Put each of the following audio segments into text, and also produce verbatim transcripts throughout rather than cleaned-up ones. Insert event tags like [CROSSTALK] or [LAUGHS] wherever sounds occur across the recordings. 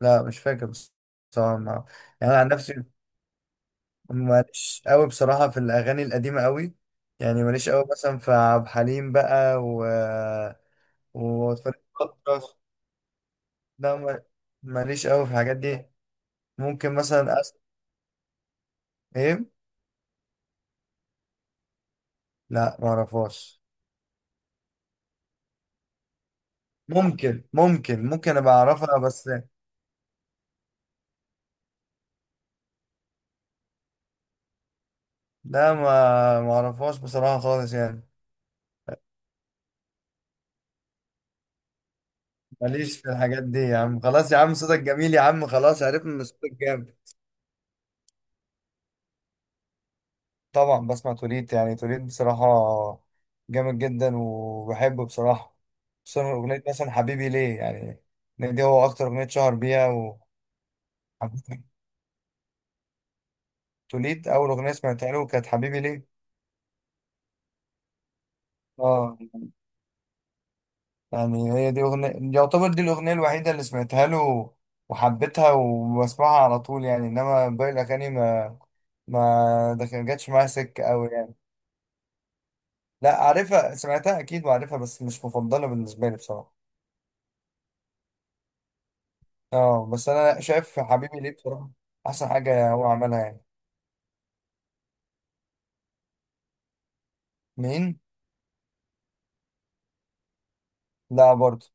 لا مش فاكر بس- بصراحة ما يعني أنا عن نفسي ماليش قوي بصراحة في الأغاني القديمة قوي. يعني ماليش قوي مثلا في عبد الحليم بقى و وفريد الأطرش. لا ما- ماليش قوي في الحاجات دي. ممكن مثلا أس... إيه؟ لا ما أعرفهاش. ممكن ممكن ممكن أبقى أعرفها بس. لا ما ما أعرفهاش بصراحة خالص يعني. ماليش في الحاجات دي يا عم، خلاص يا عم، صوتك جميل يا عم، خلاص عرفنا إن صوتك جامد. طبعا بسمع توليت، يعني توليت بصراحة جامد جدا وبحبه بصراحة. خصوصا أغنية مثلا حبيبي ليه يعني، إن دي هو أكتر أغنية شهر بيها. وحبيبي توليت أول أغنية سمعتها له كانت حبيبي ليه. اه، يعني هي دي أغنية، يعتبر دي الأغنية الوحيدة اللي سمعتها له وحبيتها وبسمعها على طول يعني. إنما باقي الأغاني ما ما ده كان- جاتش معايا سكة أوي يعني. لا عارفها، سمعتها أكيد وعارفها، بس مش مفضلة بالنسبة لي بصراحة. اه بس انا شايف حبيبي ليه بصراحه احسن حاجه هو عملها يعني. مين؟ لا برضه.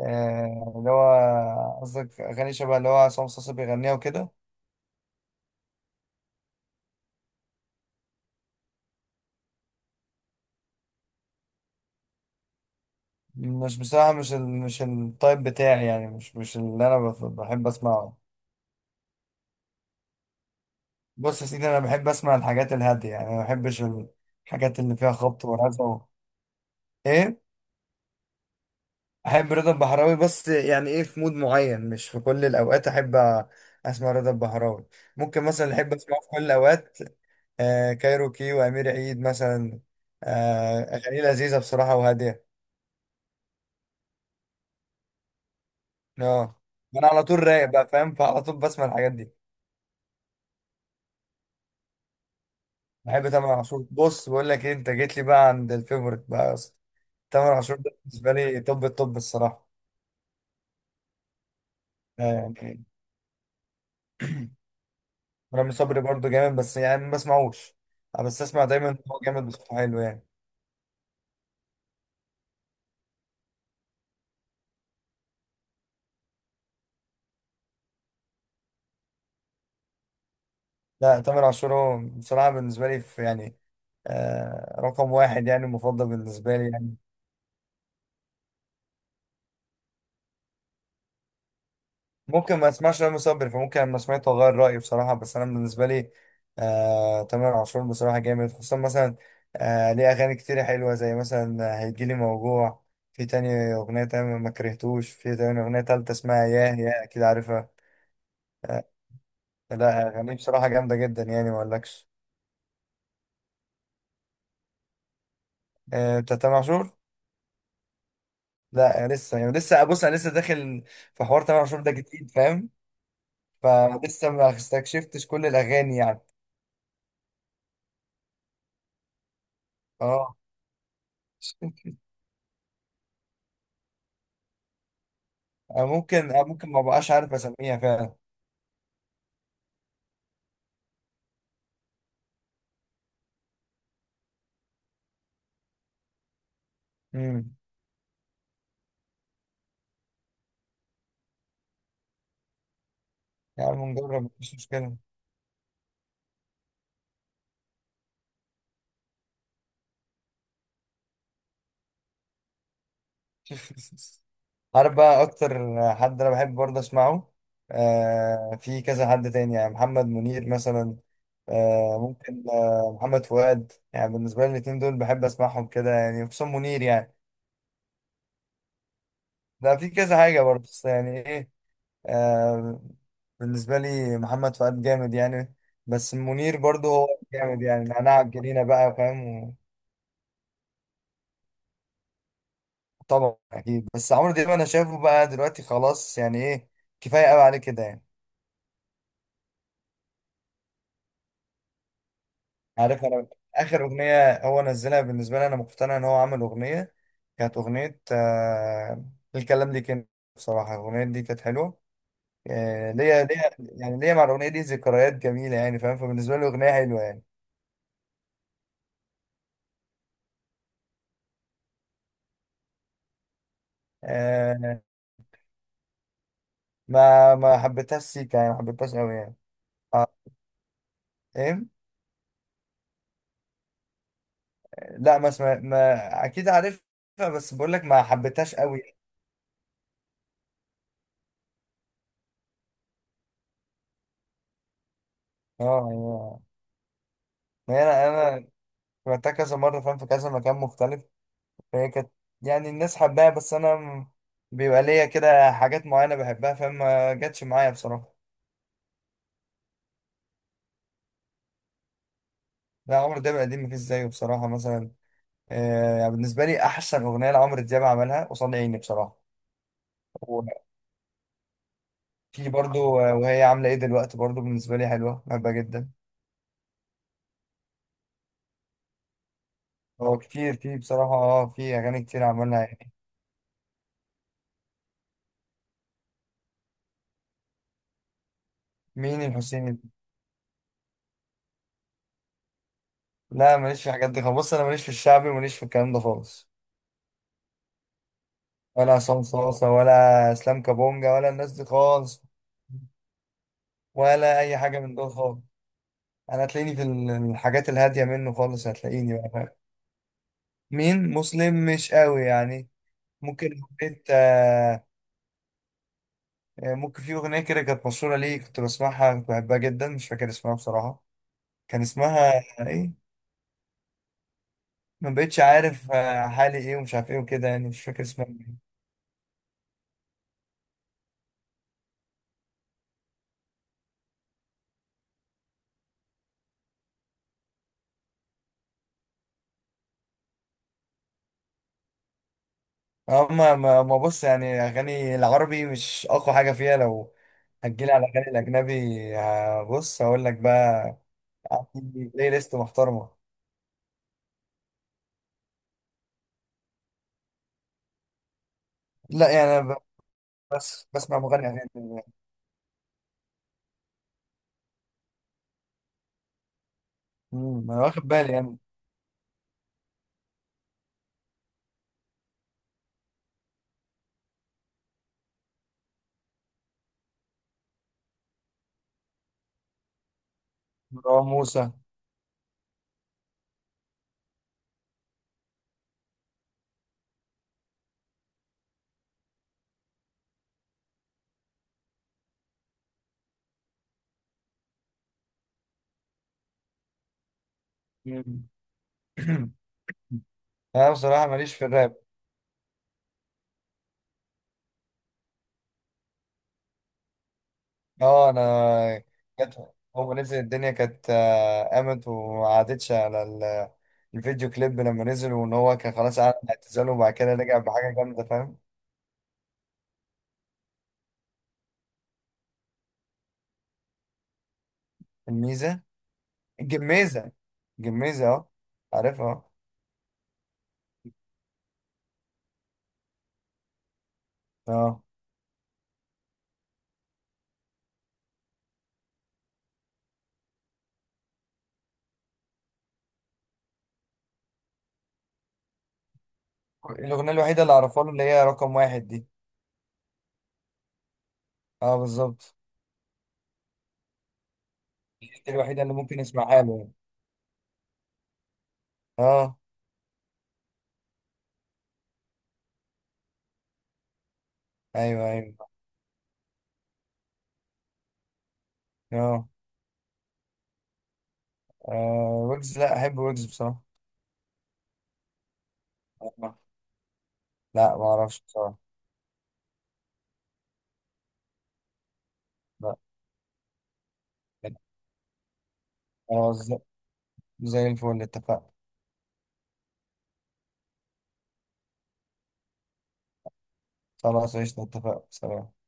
آه اللي هو قصدك اغاني شبه اللي هو عصام صاصا بيغنيها وكده. مش بصراحه مش ال... مش التايب بتاعي يعني، مش مش اللي انا بف- بحب اسمعه. بص يا سيدي انا بحب اسمع الحاجات الهاديه يعني، ما بحبش الحاجات اللي فيها خبط ورزع و... ايه. احب رضا البحراوي، بس يعني ايه، في مود معين مش في كل الاوقات احب أ- اسمع رضا البحراوي. ممكن مثلا اللي احب اسمعه في كل الاوقات آه كايروكي وامير عيد مثلا. آه اغاني لذيذه بصراحه وهاديه. اه انا على طول رايق بقى، فاهم، فعلى طول بسمع الحاجات دي. بحب تامر عاشور. بص بقول لك ايه، انت جيت لي بقى عند الفيفوريت بقى يا اسطى. تامر عاشور ده بالنسبه لي، طب الطب الصراحه آه يعني، رامي صبري برضه جامد بس يعني ما بسمعوش. آه، بس اسمع دايما إن هو جامد، بصوته حلو يعني. لا تامر عاشور هو بصراحه بالنسبه لي في يعني آه رقم واحد يعني، مفضل بالنسبه لي يعني. ممكن ما اسمعش رامي صبري، فممكن لما سمعته اغير رايي بصراحه، بس انا بالنسبه لي آه تامر عاشور بصراحه جامد. خصوصا مثلا آه ليه اغاني كتير حلوه زي مثلا هيجيلي موجوع. في تاني اغنيه تانية ما كرهتوش، في تاني اغنيه تالتة اسمها ياه ياه اكيد عارفها. آه. لا اغانيه بصراحه جامده جدا يعني ما اقولكش. آه بتاع تامر عاشور. لا لسه يعني، لسه بص انا لسه داخل في حوار تامر عاشور ده جديد، فاهم، فلسه ما استكشفتش كل الاغاني يعني. اه. [LAUGHS] أنا ممكن أنا ممكن ما بقاش عارف أسميها فعلا. امم. يا عم نجرب، مفيش مشكلة. [LAUGHS] عارف بقى أكتر حد أنا بحب برضه أسمعه؟ آه في كذا حد تاني، يعني محمد منير مثلا. آه ممكن آه محمد فؤاد يعني، بالنسبة لي الاتنين دول بحب أسمعهم كده يعني، خصوصا منير يعني. ده في كذا حاجة برضه، بس يعني إيه. آه بالنسبة لي محمد فؤاد جامد يعني، بس منير برضه هو جامد يعني. نعناع الجنينة بقى، فاهم. طبعا اكيد، بس عمرو دياب انا شايفه بقى دلوقتي خلاص يعني ايه، كفايه قوي عليه كده يعني. عارف انا اخر اغنيه هو نزلها، بالنسبه لي انا مقتنع ان هو عمل اغنيه، كانت اغنيه آه الكلام دي، كان بصراحه الاغنيه دي كانت حلوه. آه ليا، ليا يعني ليا مع الاغنيه دي ذكريات جميله يعني، فاهم، فبالنسبه لي اغنيه حلوه يعني. آه، ما ما حبيتهاش سيكا يعني، ما حبيتهاش قوي يعني. آه. ايه. لا ما اسمع، ما اكيد عارفها. بس بقول لك ما حبيتهاش قوي. اه آه. ما هي انا، انا رحتها كذا مره، فاهم، في كذا مكان مختلف، فهي كانت يعني الناس حباها، بس انا م- بيبقى ليا كده حاجات معينه بحبها، فاهم، ما جاتش معايا بصراحه. لا عمرو دياب القديم مفيش زيه بصراحه، مثلا آه يعني بالنسبه لي احسن اغنيه لعمرو دياب عملها قصاد عيني بصراحه. وفي برضو آه، وهي عامله ايه دلوقتي، برضو بالنسبه لي حلوه بحبها جدا. هو كتير، في بصراحه اه في اغاني كتير عملها. مين الحسيني؟ لا ماليش في الحاجات دي خالص. بص انا ماليش في الشعبي، ماليش في الكلام ده خالص. ولا عصام صاصة ولا اسلام كابونجا ولا الناس دي خالص. ولا اي حاجه من دول خالص. انا هتلاقيني في ال- الحاجات الهاديه منه خالص، هتلاقيني بقى فاهم. مين مسلم؟ مش قوي يعني. ممكن حبيت آه، ممكن في اغنيه كده كانت مشهوره ليه كنت بسمعها كنت بحبها جدا، مش فاكر اسمها بصراحه. كان اسمها ايه؟ ما بقتش عارف. آه، حالي ايه ومش عارف ايه وكده يعني، مش فاكر اسمها. اما ما ما بص يعني، اغاني العربي مش اقوى حاجه فيها لو هتجيلي على الاغاني الاجنبي. آه، بص هقول لك بقى، عندي بلاي ليست محترمه. لا يعني أنا ب- بس بسمع مغني اغاني يعني. أمم، انا واخد بالي يعني. مروان موسى. أمم. [CLEARS THROAT] انا بصراحه ماليش في الراب. اه انا كانت هو نزل الدنيا كانت آه، قامت وما عادتش على ال- الفيديو كليب لما نزل، وان هو كان خلاص قعد اعتزاله وبعد كده رجع بحاجه جامده فاهم. الميزه، جميزة، جميزة اه، عارفها. اه. اه الأغنية الوحيدة اللي أعرفها له اللي هي رقم واحد دي. اه بالظبط. دي الوحيدة اللي ممكن أسمعها له يعني. اه. أيوه أيوه. اه. آه، ويجز لا أحب ويجز بصراحة. آه. لا ما أعرفش بصراحة. لا. خلاص، زي زي الفل اتفقنا. خلاص، قشطة، اتفقنا، سلام.